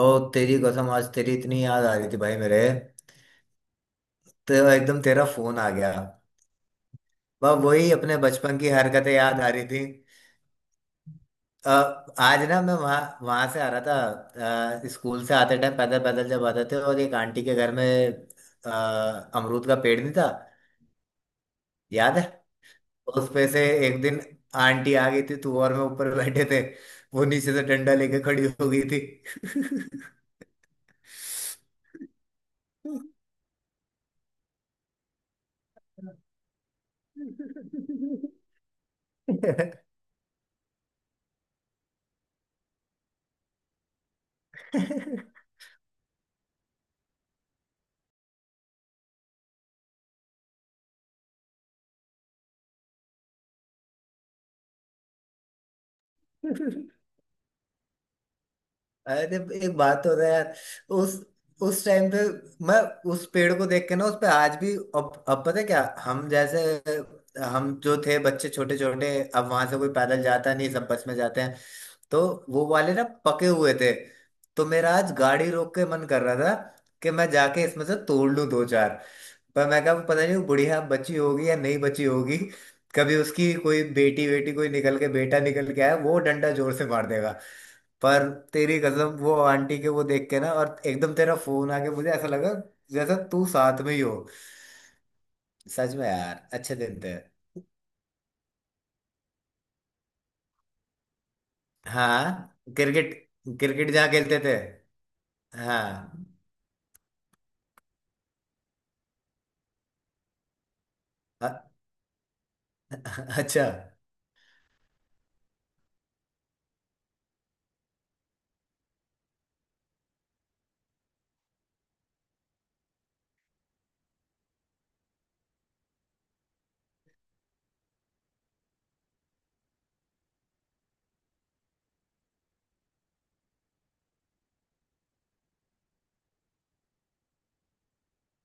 ओ, तेरी कसम, आज तेरी इतनी याद आ रही थी भाई मेरे तो एकदम तेरा फोन आ गया। वह वही अपने बचपन की हरकतें याद आ रही थी। अ, आज ना मैं वहाँ वहाँ से आ रहा था। स्कूल से आते टाइम पैदल पैदल जब आते थे, और एक आंटी के घर में अ, अमरूद का पेड़ नहीं था? याद है? उस पे से एक दिन आंटी आ गई थी, तू और मैं ऊपर बैठे थे, वो नीचे से डंडा लेके खड़ी हो गई थी। अरे, एक बात हो रहा है यार। उस उस टाइम पे मैं उस पेड़ को देख के ना, उस पे आज भी अब पता है क्या, हम जो थे बच्चे छोटे छोटे, अब वहां से कोई पैदल जाता नहीं, सब बस में जाते हैं। तो वो वाले ना पके हुए थे, तो मेरा आज गाड़ी रोक के मन कर रहा था कि मैं जाके इसमें से तोड़ लूं दो चार। पर मैं कहा पता नहीं वो बुढ़िया बची होगी या नहीं बची होगी, कभी उसकी कोई बेटी बेटी कोई निकल के बेटा निकल के आया, वो डंडा जोर से मार देगा। पर तेरी कसम, वो आंटी के वो देख के ना और एकदम तेरा फोन आके मुझे ऐसा लगा जैसा तू साथ में ही हो। सच में यार, अच्छे दिन थे। हाँ, क्रिकेट। क्रिकेट जहाँ खेलते थे। हाँ। अ- अच्छा।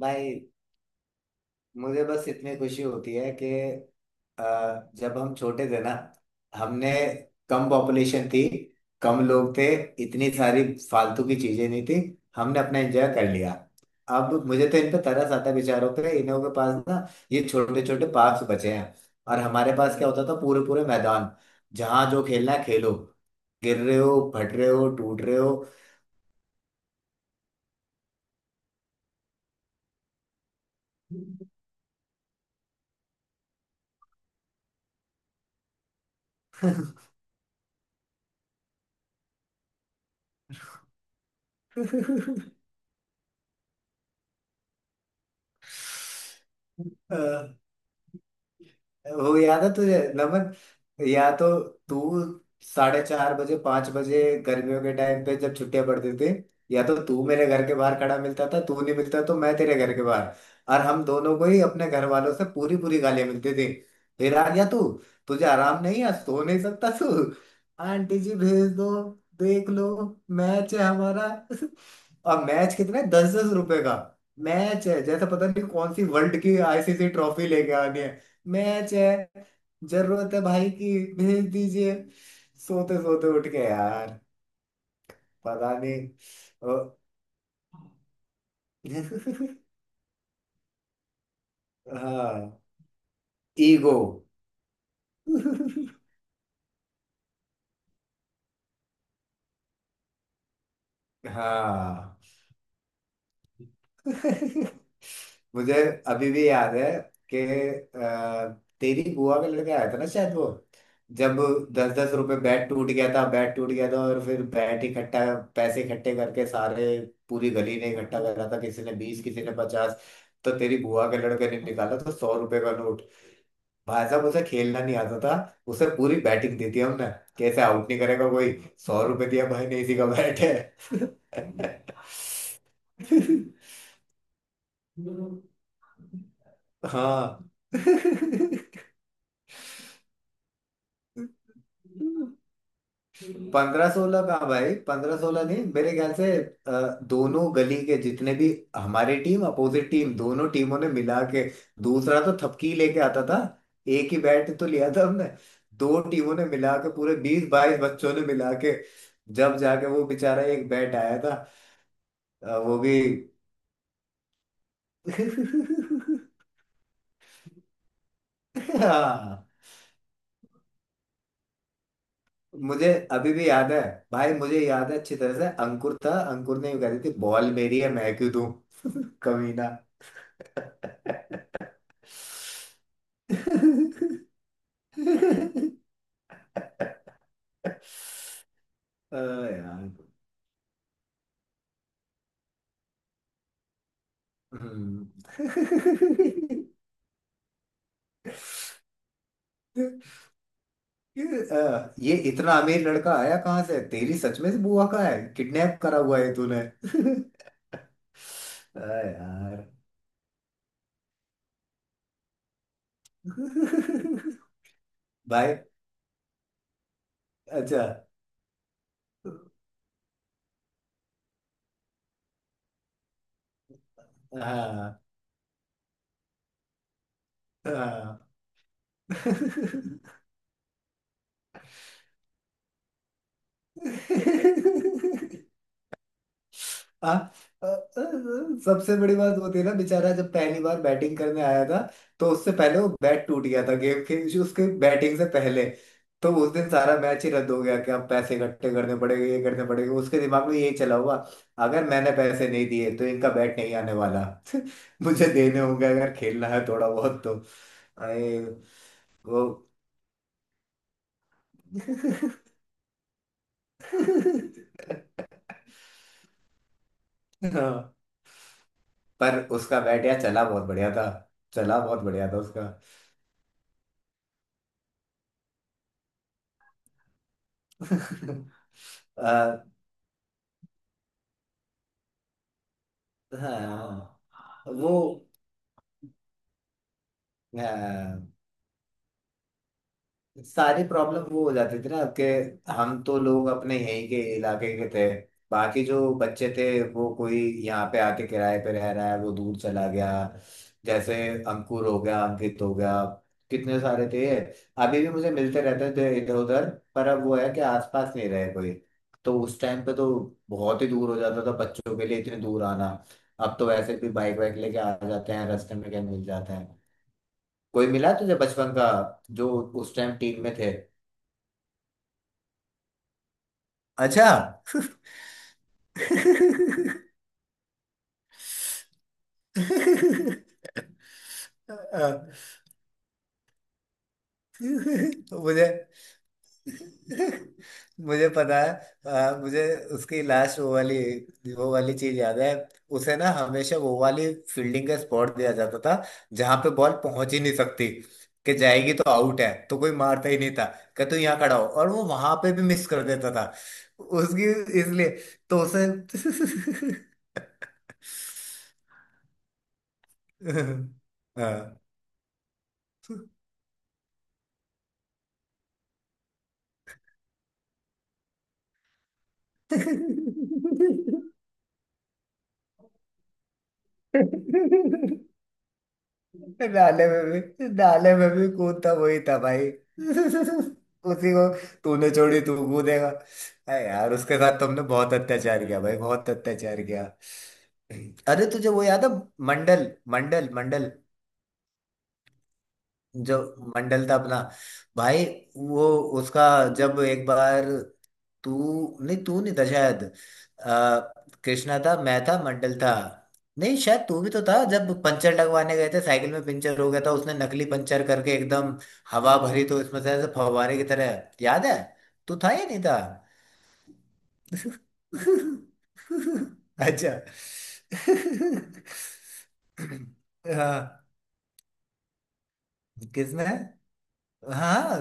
भाई, मुझे बस इतनी खुशी होती है कि जब हम छोटे थे ना, हमने कम पॉपुलेशन थी, कम लोग थे, इतनी सारी फालतू की चीजें नहीं थी, हमने अपना एंजॉय कर लिया। अब मुझे तो इन पे तरस आता है बेचारों पे, इन्हों के पास ना ये छोटे छोटे पार्क्स बचे हैं, और हमारे पास क्या होता था, पूरे पूरे मैदान, जहाँ जो खेलना है खेलो, गिर रहे हो, फट रहे हो, टूट रहे हो। अ, वो याद है तुझे नमन, या तो तू 4:30 बजे 5 बजे गर्मियों के टाइम पे जब छुट्टियां पड़ती थी, या तो तू मेरे घर के बाहर खड़ा मिलता था, तू नहीं मिलता तो मैं तेरे घर के बाहर, और हम दोनों को ही अपने घर वालों से पूरी पूरी गालियां मिलती थी। फिर आ गया तू, तुझे आराम नहीं है, सो नहीं सकता तू, आंटी जी भेज दो, देख लो, मैच है हमारा। और मैच कितना, 10-10 रुपए का मैच है, जैसा पता नहीं कौन सी वर्ल्ड की आईसीसी ट्रॉफी लेके आनी है। मैच है, जरूरत है भाई की, भेज दीजिए। सोते सोते उठ के यार। पता नहीं। ओ, हाँ, ईगो। हाँ। मुझे अभी भी याद है कि तेरी बुआ का लड़का आया था ना शायद, वो जब 10-10 रुपए, बैट टूट गया था, और फिर बैट इकट्ठा, पैसे इकट्ठे करके सारे, पूरी गली ने इकट्ठा करा था, किसी ने 20, किसी ने 50, तो तेरी बुआ के लड़के ने निकाला तो 100 रुपए का नोट। भाई साहब, उसे खेलना नहीं आता था, उसे पूरी बैटिंग देती हमने, कैसे आउट नहीं करेगा कोई, 100 रुपए दिया भाई, नहीं इसी का बैट है। हाँ। 15-16 का भाई, 15-16 नहीं मेरे ख्याल से। दोनों गली के जितने भी, हमारी टीम, अपोजिट टीम, दोनों टीमों ने मिला के, दूसरा तो थपकी लेके आता था, एक ही बैट तो लिया था हमने, दो टीमों ने मिला के पूरे 20-22 बच्चों ने मिला के जब जाके वो बेचारा एक बैट आया था। वो भी। हाँ। मुझे अभी भी याद है, भाई मुझे याद है अच्छी तरह से, अंकुर था, अंकुर ने यूं कह दी थी बॉल मेरी है मैं क्यों दूं। कमीना। यार। हम्म। ये इतना अमीर लड़का आया कहाँ से, तेरी सच में से बुआ का है? किडनैप करा हुआ है तूने? यार। भाई। अच्छा। हाँ, हाँ। हाँ। अ, अ, सबसे बड़ी बात वो थी ना, बेचारा जब पहली बार बैटिंग करने आया था, तो उससे पहले वो बैट टूट गया था, गेम के, उसके बैटिंग से पहले, तो उस दिन सारा मैच ही रद्द हो गया कि अब पैसे इकट्ठे करने पड़ेंगे, ये करने पड़ेंगे, उसके दिमाग में ये चला हुआ, अगर मैंने पैसे नहीं दिए तो इनका बैट नहीं आने वाला। मुझे देने होंगे अगर खेलना है थोड़ा बहुत तो। अरे। वो। हाँ, पर उसका बैट यार चला बहुत बढ़िया था, चला बहुत बढ़िया था उसका। आ, हाँ। वो। हाँ। सारी प्रॉब्लम वो हो जाती थी ना, कि हम तो लोग अपने यहीं के इलाके के थे, बाकी जो बच्चे थे वो कोई यहाँ पे आके किराए पे रह रहा है, वो दूर चला गया, जैसे अंकुर हो गया, अंकित हो गया, कितने सारे थे, अभी भी मुझे मिलते रहते थे इधर उधर। पर अब वो है कि आसपास नहीं रहे कोई। तो उस टाइम पे तो बहुत ही दूर हो जाता था बच्चों के लिए इतने दूर आना, अब तो वैसे भी बाइक वाइक लेके आ जाते हैं, रास्ते में क्या मिल जाते हैं। कोई मिला तुझे बचपन का जो उस टाइम टीम में थे? अच्छा। मुझे मुझे पता है, मुझे उसकी लास्ट वो वाली चीज याद है, उसे ना हमेशा वो वाली फील्डिंग का स्पॉट दिया जाता था जहां पे बॉल पहुंच ही नहीं सकती, कि जाएगी तो आउट है, तो कोई मारता ही नहीं था, कि तू यहाँ खड़ा हो, और वो वहां पे भी मिस कर देता था। उसकी, इसलिए तो उसे। हाँ। नाले में भी, नाले में भी कूदता वही था भाई, उसी को। तूने छोड़ी तू कूदेगा, अरे यार उसके साथ तुमने बहुत अत्याचार किया भाई, बहुत अत्याचार किया। अरे, तुझे वो याद है, मंडल, मंडल मंडल, जो मंडल था अपना, भाई वो, उसका जब एक बार, तू नहीं था शायद, आ, कृष्णा था, मैं था, मंडल था, नहीं शायद तू भी तो था, जब पंचर लगवाने गए थे, साइकिल में पंचर हो गया था, उसने नकली पंचर करके एकदम हवा भरी तो इसमें से ऐसे फव्वारे की तरह, याद है? तू था या नहीं था? अच्छा। हाँ। किसने? हाँ।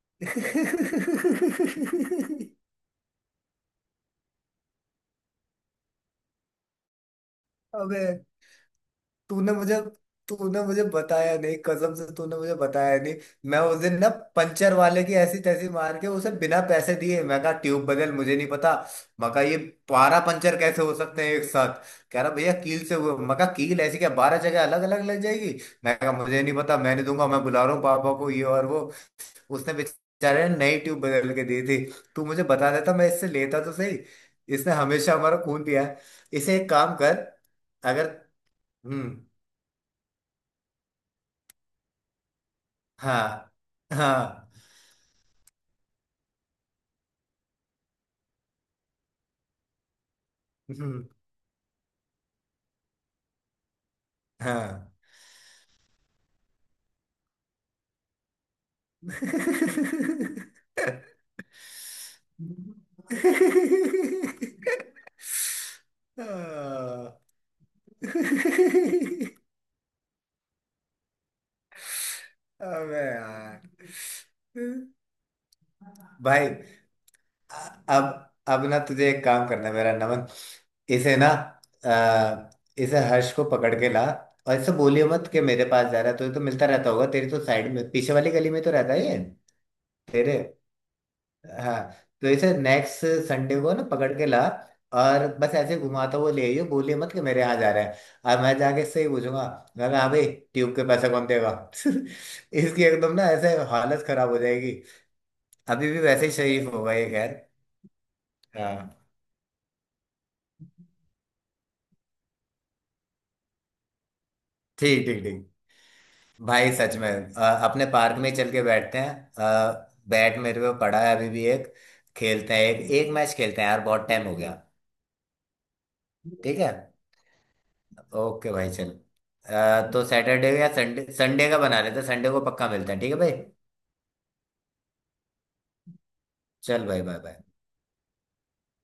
अबे, तूने मुझे तूने मुझे बताया नहीं, कसम से तूने मुझे बताया नहीं। मैं उस दिन ना पंचर वाले की ऐसी तैसी मार के उसे बिना पैसे दिए, मैं कहा ट्यूब बदल, मुझे नहीं पता, मैं कहा ये 12 पंचर कैसे हो सकते हैं एक साथ, कह रहा भैया कील से हुए, मैं कहा कील ऐसी क्या 12 जगह अलग अलग लग जाएगी, मैं कहा मुझे नहीं पता, मैं नहीं दूंगा, मैं बुला रहा हूँ पापा को, ये और वो, उसने बेचारे ने नई ट्यूब बदल के दी थी। तू मुझे बता देता, मैं इससे लेता तो सही। इसने हमेशा हमारा खून पिया है। इसे एक काम कर। अगर। हम्म। हाँ। हाँ। हम्म। हाँ। अबे यार, भाई। अब ना तुझे एक काम करना है मेरा नमन, इसे ना अ, इसे हर्ष को पकड़ के ला, और इसे बोलियो मत कि मेरे पास जा रहा है, तुझे तो मिलता रहता होगा, तेरी तो साइड में पीछे वाली गली में तो रहता ही है तेरे। हाँ। तो इसे नेक्स्ट संडे को ना पकड़ के ला, और बस ऐसे घुमाता हुआ ले आइयो, बोलिए मत कि मेरे यहाँ जा रहा है, और मैं जाके इससे ही पूछूंगा, मैं कहा, हाँ भाई, ट्यूब के पैसे कौन देगा? इसकी एकदम ना ऐसे हालत खराब हो जाएगी। अभी भी वैसे ही शरीफ होगा ये, खैर। हाँ। ठीक, ठीक, ठीक। भाई सच में, अ, अपने पार्क में ही चल के बैठते हैं, बैट मेरे पे पड़ा है अभी भी एक, खेलते हैं, एक एक मैच खेलते हैं यार, बहुत टाइम हो गया। ठीक है। ओके भाई चल। तो सैटरडे या संडे, संडे का बना लेते हैं, संडे को पक्का मिलते हैं, ठीक है भाई। चल भाई, बाय बाय।